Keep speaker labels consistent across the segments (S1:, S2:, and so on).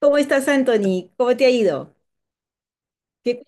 S1: ¿Cómo estás, Anthony? ¿Cómo te ha ido? ¿Qué-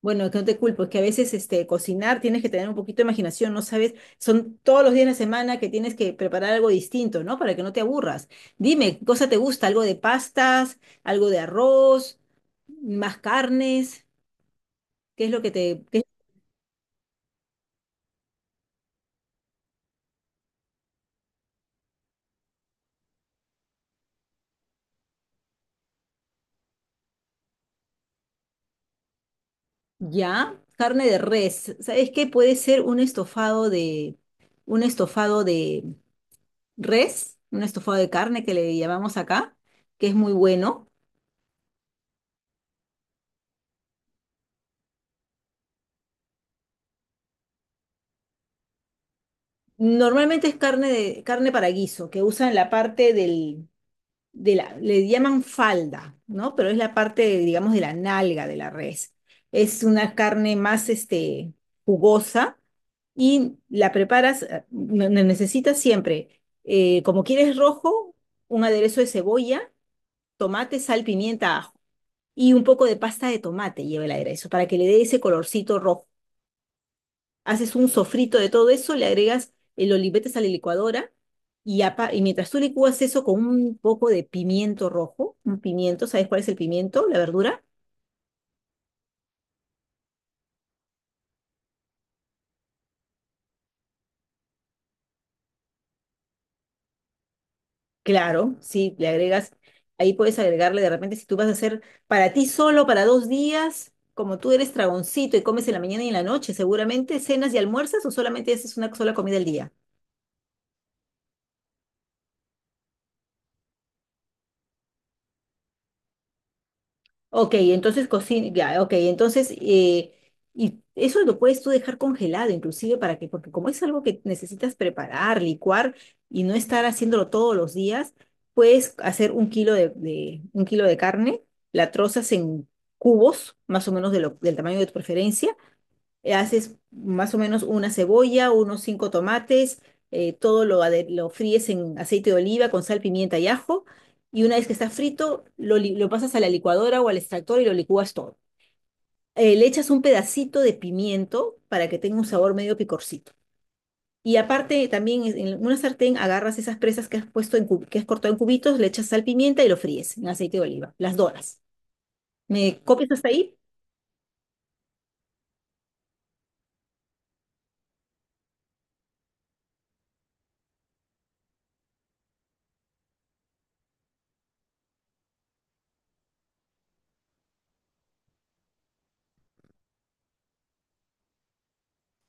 S1: Bueno, que no te culpo, es que a veces cocinar tienes que tener un poquito de imaginación, no sabes, son todos los días de la semana que tienes que preparar algo distinto, ¿no? Para que no te aburras. Dime, ¿qué cosa te gusta? ¿Algo de pastas? ¿Algo de arroz? ¿Más carnes? ¿Qué es lo que te... ¿Ya? Carne de res. ¿Sabes qué? Puede ser un estofado de res, un estofado de carne que le llamamos acá, que es muy bueno. Normalmente es carne, carne para guiso, que usan la parte de la, le llaman falda, ¿no? Pero es la parte, digamos, de la nalga de la res. Es una carne más, jugosa, y la preparas, necesitas siempre, como quieres rojo, un aderezo de cebolla, tomate, sal, pimienta, ajo, y un poco de pasta de tomate lleva el aderezo para que le dé ese colorcito rojo. Haces un sofrito de todo eso, le agregas el olivetes a la licuadora y, y mientras tú licúas eso con un poco de pimiento rojo, un pimiento, ¿sabes cuál es el pimiento? La verdura. Claro, sí, le agregas, ahí puedes agregarle de repente si tú vas a hacer para ti solo, para dos días, como tú eres tragoncito y comes en la mañana y en la noche, seguramente cenas y almuerzas o solamente haces una sola comida al día. Ok, entonces cocina, ya, ok, entonces, y eso lo puedes tú dejar congelado inclusive para que, porque como es algo que necesitas preparar, licuar y no estar haciéndolo todos los días, puedes hacer un kilo un kilo de carne, la trozas en cubos, más o menos de del tamaño de tu preferencia, haces más o menos una cebolla, unos cinco tomates, todo lo, lo fríes en aceite de oliva con sal, pimienta y ajo, y una vez que está frito, lo pasas a la licuadora o al extractor y lo licúas todo. Le echas un pedacito de pimiento para que tenga un sabor medio picorcito. Y aparte, también en una sartén agarras esas presas que has puesto en que has cortado en cubitos, le echas sal, pimienta y lo fríes en aceite de oliva. Las doras. ¿Me copias hasta ahí?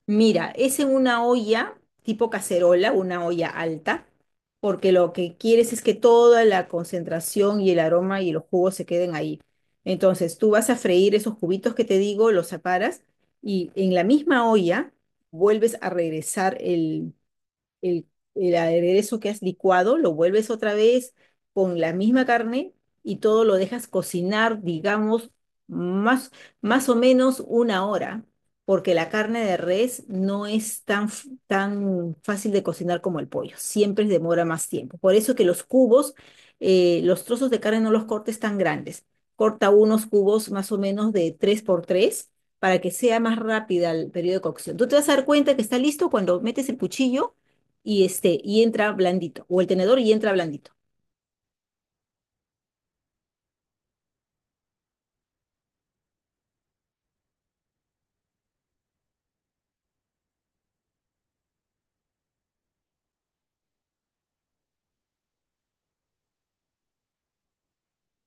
S1: Mira, es en una olla tipo cacerola, una olla alta, porque lo que quieres es que toda la concentración y el aroma y los jugos se queden ahí. Entonces, tú vas a freír esos cubitos que te digo, los separas y en la misma olla vuelves a regresar el, el aderezo que has licuado, lo vuelves otra vez con la misma carne y todo lo dejas cocinar, digamos, más, más o menos 1 hora, porque la carne de res no es tan, tan fácil de cocinar como el pollo, siempre demora más tiempo. Por eso que los cubos, los trozos de carne no los cortes tan grandes. Corta unos cubos más o menos de 3 por 3 para que sea más rápida el periodo de cocción. Tú te vas a dar cuenta que está listo cuando metes el cuchillo y y entra blandito, o el tenedor y entra blandito.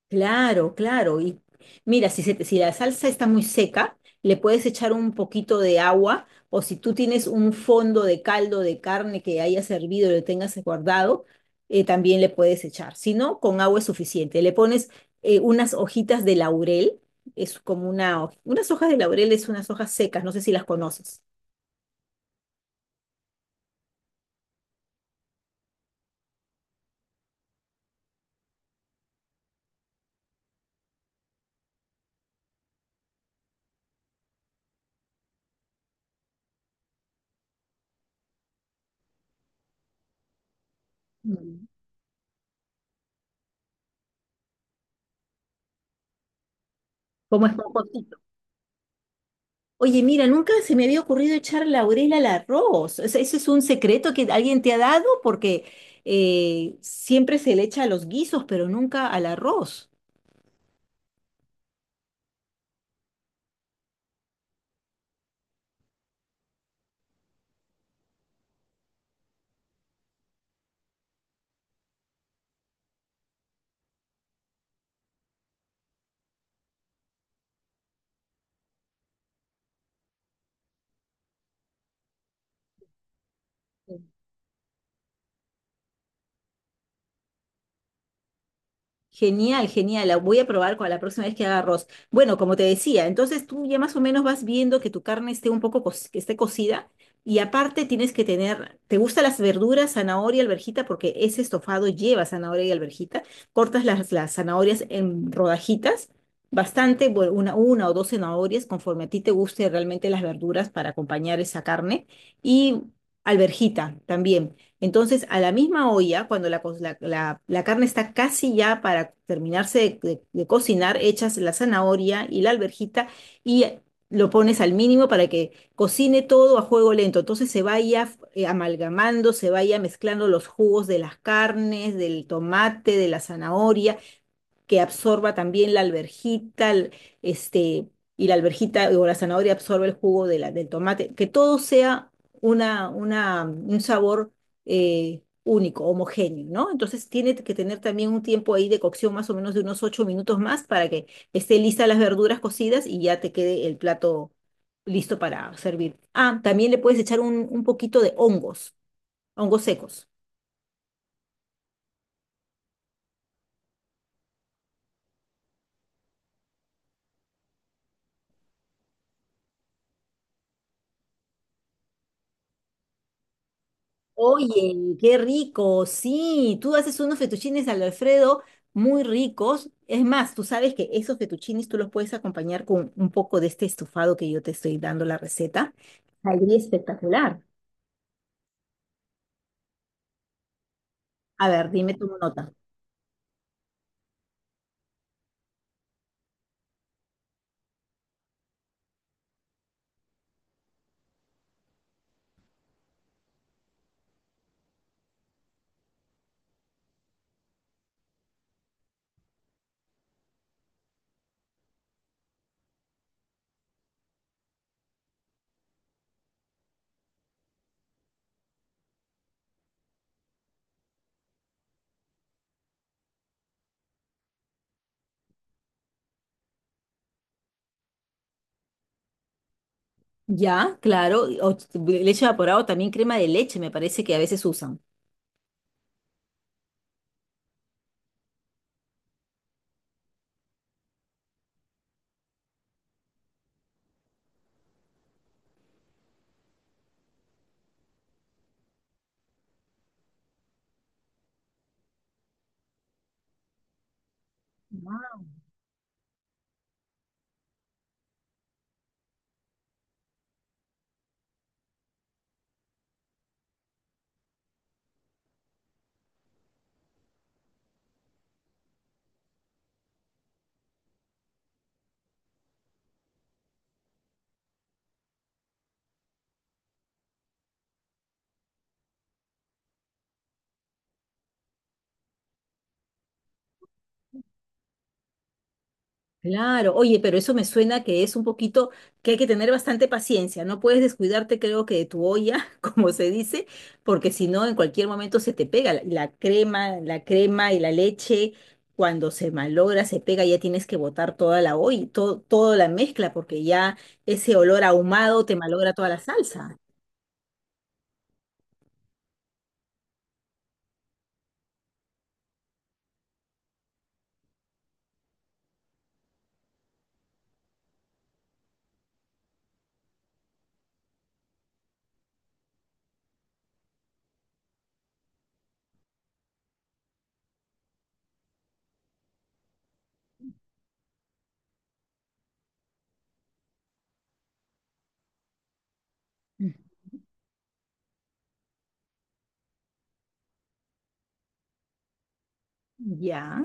S1: Claro, claro. Y mira, si la salsa está muy seca, le puedes echar un poquito de agua, o si tú tienes un fondo de caldo de carne que haya servido y lo tengas guardado, también le puedes echar. Si no, con agua es suficiente. Le pones unas hojitas de laurel, es como unas hojas de laurel, es unas hojas secas, no sé si las conoces. Mm. Como es. Oye, mira, nunca se me había ocurrido echar laurel al arroz. O sea, ¿eso es un secreto que alguien te ha dado? Porque siempre se le echa a los guisos, pero nunca al arroz. Genial, genial. La voy a probar con la próxima vez que haga arroz. Bueno, como te decía, entonces tú ya más o menos vas viendo que tu carne esté un poco que esté cocida, y aparte tienes que tener, ¿te gustan las verduras, zanahoria, alverjita? Porque ese estofado lleva zanahoria y alverjita. Cortas las zanahorias en rodajitas, bastante, bueno, una o dos zanahorias conforme a ti te guste realmente las verduras para acompañar esa carne, y alverjita también. Entonces, a la misma olla, cuando la, co- la- la- la carne está casi ya para terminarse de cocinar, echas la zanahoria y la alverjita y lo pones al mínimo para que cocine todo a fuego lento. Entonces se vaya amalgamando, se vaya mezclando los jugos de las carnes, del tomate, de la zanahoria, que absorba también la alverjita, este, y la alverjita o la zanahoria absorbe el jugo de del tomate, que todo sea un sabor único, homogéneo, ¿no? Entonces tiene que tener también un tiempo ahí de cocción más o menos de unos 8 minutos más para que esté lista las verduras cocidas y ya te quede el plato listo para servir. Ah, también le puedes echar un poquito de hongos, hongos secos. Oye, qué rico, sí, tú haces unos fettuccines al Alfredo muy ricos. Es más, tú sabes que esos fettuccines tú los puedes acompañar con un poco de este estofado que yo te estoy dando la receta. Saldría espectacular. A ver, dime tu nota. Ya, claro, leche evaporado, también crema de leche, me parece que a veces usan. Claro, oye, pero eso me suena que es un poquito que hay que tener bastante paciencia, no puedes descuidarte, creo que de tu olla, como se dice, porque si no, en cualquier momento se te pega la crema y la leche, cuando se malogra, se pega, ya tienes que botar toda la olla, todo, toda la mezcla, porque ya ese olor ahumado te malogra toda la salsa. Mm. Ya,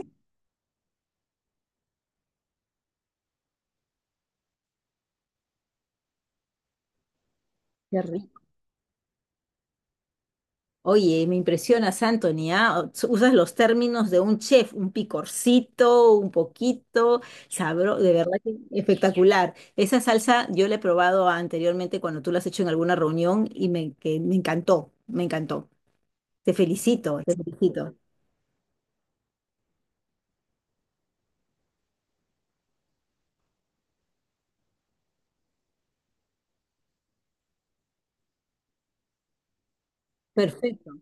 S1: qué rico. Oye, me impresionas, Anthony, ¿ah? Usas los términos de un chef, un picorcito, un poquito, sabro, de verdad que espectacular. Esa salsa yo la he probado anteriormente cuando tú la has hecho en alguna reunión y que me encantó, me encantó. Te felicito, te felicito. Perfecto.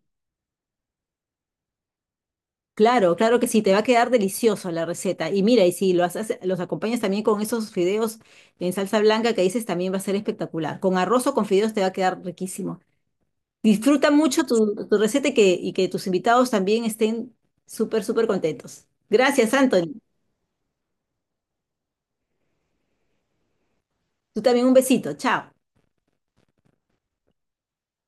S1: Claro, claro que sí, te va a quedar delicioso la receta. Y mira, y si lo los acompañas también con esos fideos en salsa blanca que dices, también va a ser espectacular. Con arroz o con fideos te va a quedar riquísimo. Disfruta mucho tu receta y y que tus invitados también estén súper, súper contentos. Gracias, Anthony. Tú también un besito. Chao.